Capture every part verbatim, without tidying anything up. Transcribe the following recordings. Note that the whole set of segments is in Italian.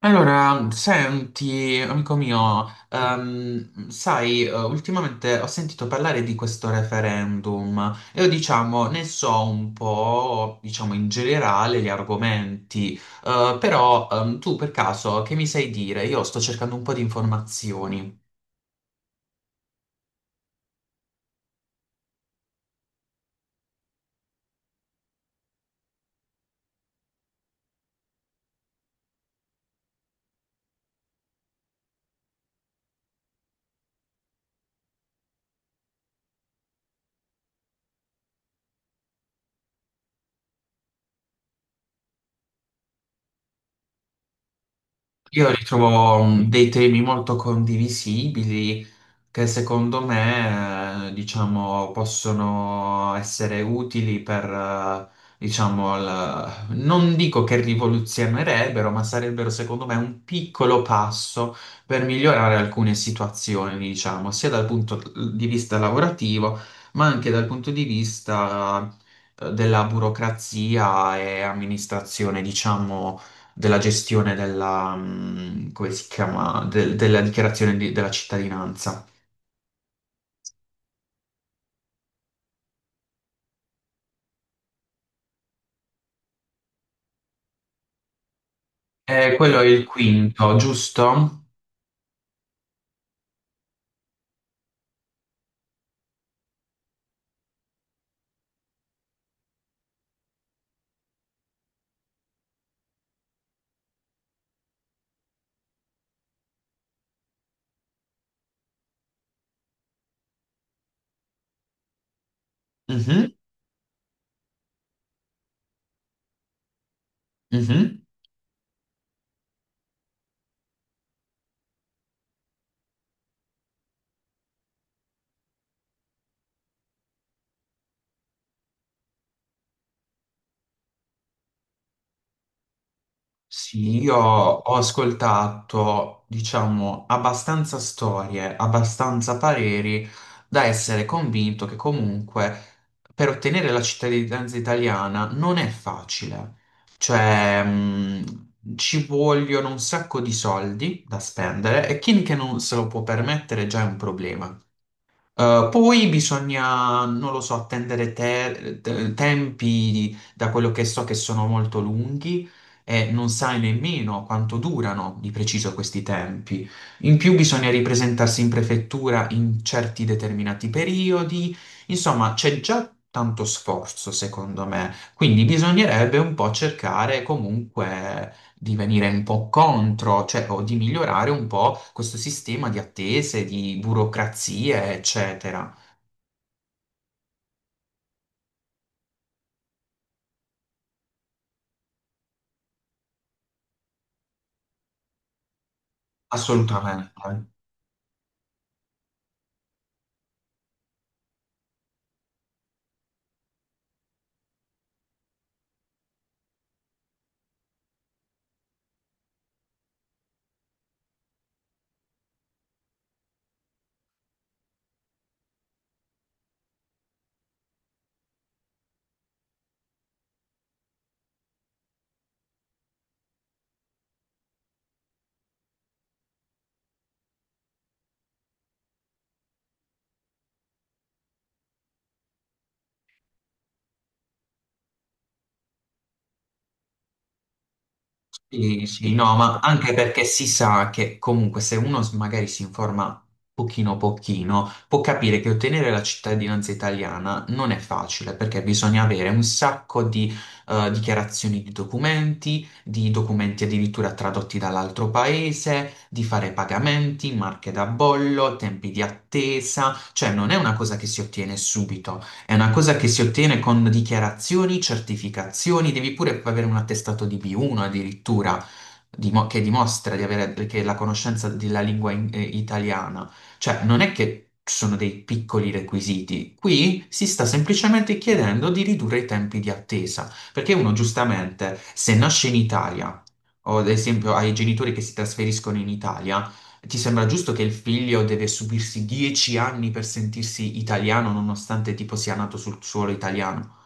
Allora, senti, amico mio, ehm, sai, eh, ultimamente ho sentito parlare di questo referendum e io, diciamo, ne so un po', diciamo, in generale gli argomenti. Eh, però ehm, Tu per caso che mi sai dire? Io sto cercando un po' di informazioni. Io ritrovo mm, dei temi molto condivisibili che secondo me, eh, diciamo, possono essere utili per, eh, diciamo, la- non dico che rivoluzionerebbero, ma sarebbero secondo me un piccolo passo per migliorare alcune situazioni, diciamo, sia dal punto di vista lavorativo, ma anche dal punto di vista, eh, della burocrazia e amministrazione, diciamo della gestione della, mm, come si chiama, del- della dichiarazione di- della cittadinanza. Eh, quello è il quinto, giusto? Mhm, mhm. Sì, io ho ascoltato, diciamo, abbastanza storie, abbastanza pareri da essere convinto che comunque per ottenere la cittadinanza italiana non è facile. Cioè, mh, ci vogliono un sacco di soldi da spendere e chi che non se lo può permettere già è un problema. Eh, poi bisogna, non lo so, attendere te- te- tempi da quello che so che sono molto lunghi e non sai nemmeno quanto durano di preciso questi tempi. In più bisogna ripresentarsi in prefettura in certi determinati periodi. Insomma, c'è già tanto sforzo, secondo me. Quindi bisognerebbe un po' cercare comunque di venire un po' contro, cioè, o di migliorare un po' questo sistema di attese, di burocrazie, eccetera. Assolutamente. Sì, sì, no, ma anche perché si sa che comunque se uno s- magari si informa pochino pochino, può capire che ottenere la cittadinanza italiana non è facile perché bisogna avere un sacco di eh, dichiarazioni di documenti, di documenti addirittura tradotti dall'altro paese, di fare pagamenti, marche da bollo, tempi di attesa, cioè non è una cosa che si ottiene subito. È una cosa che si ottiene con dichiarazioni, certificazioni, devi pure avere un attestato di bi uno addirittura, dimo- che dimostra di avere che la conoscenza della lingua in- eh, italiana. Cioè, non è che ci sono dei piccoli requisiti. Qui si sta semplicemente chiedendo di ridurre i tempi di attesa, perché uno giustamente, se nasce in Italia, o ad esempio ai genitori che si trasferiscono in Italia, ti sembra giusto che il figlio deve subirsi dieci anni per sentirsi italiano nonostante tipo sia nato sul suolo italiano?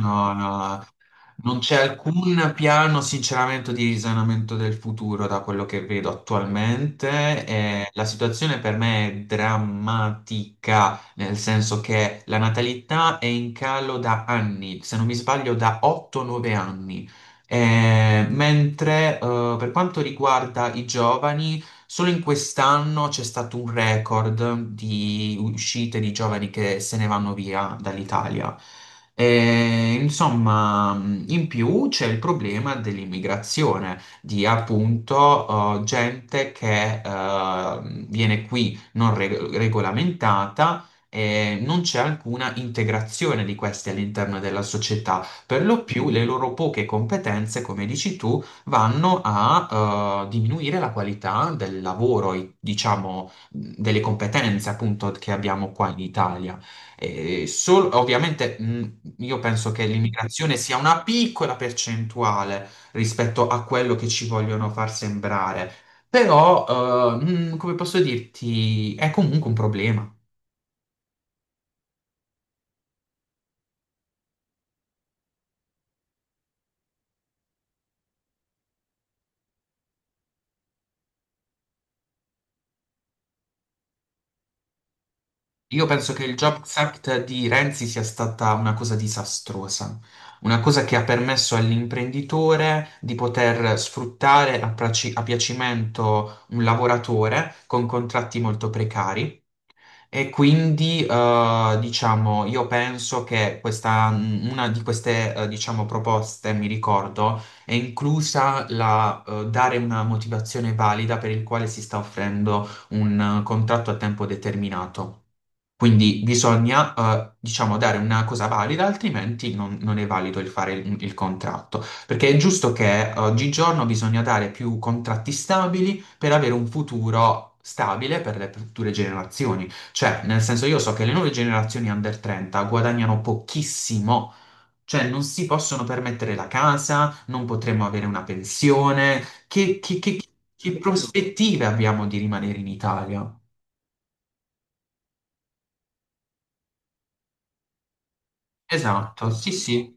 No, no, non c'è alcun piano, sinceramente, di risanamento del futuro da quello che vedo attualmente. E la situazione per me è drammatica, nel senso che la natalità è in calo da anni, se non mi sbaglio da otto o nove anni. Eh, mentre eh, per quanto riguarda i giovani, Solo in quest'anno c'è stato un record di uscite di giovani che se ne vanno via dall'Italia. E, insomma, in più c'è il problema dell'immigrazione, di appunto eh, gente che eh, viene qui non reg- regolamentata e non c'è alcuna integrazione di questi all'interno della società. Per lo più le loro poche competenze, come dici tu, vanno a eh, diminuire la qualità del lavoro, e, diciamo, delle competenze appunto che abbiamo qua in Italia. E sol- ovviamente mh, io penso che l'immigrazione sia una piccola percentuale rispetto a quello che ci vogliono far sembrare, però, eh, mh, come posso dirti, è comunque un problema. Io penso che il Jobs Act di Renzi sia stata una cosa disastrosa, una cosa che ha permesso all'imprenditore di poter sfruttare a, praci- a piacimento un lavoratore con contratti molto precari e quindi, eh, diciamo, io penso che questa, una di queste, eh, diciamo, proposte, mi ricordo, è inclusa la, eh, dare una motivazione valida per il quale si sta offrendo un eh, contratto a tempo determinato. Quindi bisogna, eh, diciamo, dare una cosa valida, altrimenti non, non è valido il fare il, il contratto. Perché è giusto che eh, oggigiorno bisogna dare più contratti stabili per avere un futuro stabile per le future generazioni. Cioè, nel senso, io so che le nuove generazioni under trenta guadagnano pochissimo. Cioè, non si possono permettere la casa, non potremo avere una pensione. che che- che- che prospettive abbiamo di rimanere in Italia? Esatto, sì, sì.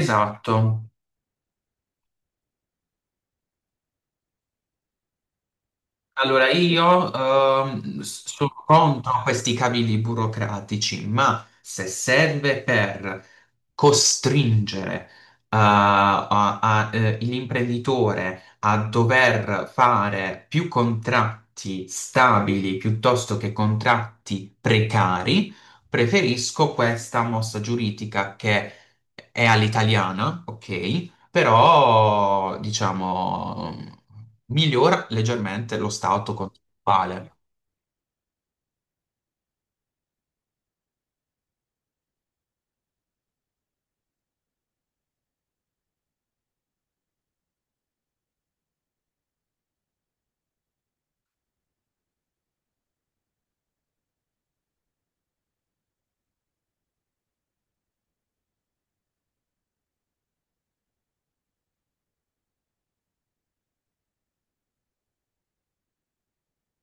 Esatto. Allora io ehm, s- sono contro questi cavilli burocratici, ma se serve per costringere eh, a- a- eh, l'imprenditore a dover fare più contratti stabili piuttosto che contratti precari, preferisco questa mossa giuridica che è all'italiana, ok? però diciamo migliora leggermente lo stato contrattuale.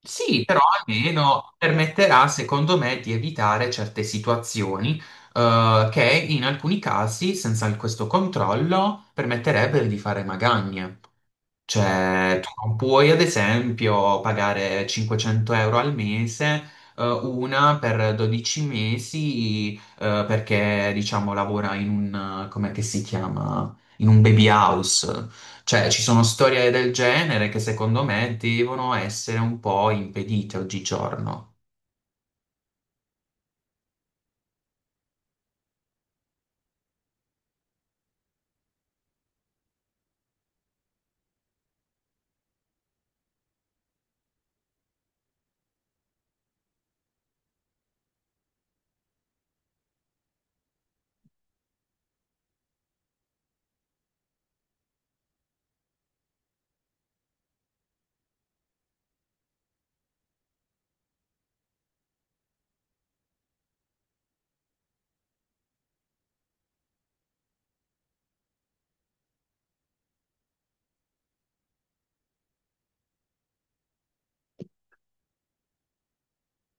Sì, però almeno permetterà, secondo me, di evitare certe situazioni eh, che in alcuni casi, senza il- questo controllo, permetterebbero di fare magagne. Cioè, tu non puoi, ad esempio, pagare cinquecento euro al mese, eh, una per dodici mesi, eh, perché, diciamo, lavora in un, come che si chiama? In un baby house. Cioè, ci sono storie del genere che secondo me devono essere un po' impedite oggigiorno.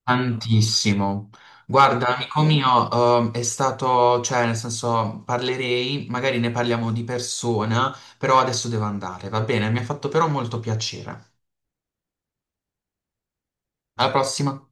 Tantissimo. Guarda, amico mio, ehm, è stato, cioè, nel senso, parlerei, magari ne parliamo di persona, però adesso devo andare, va bene? Mi ha fatto però molto piacere. Alla prossima.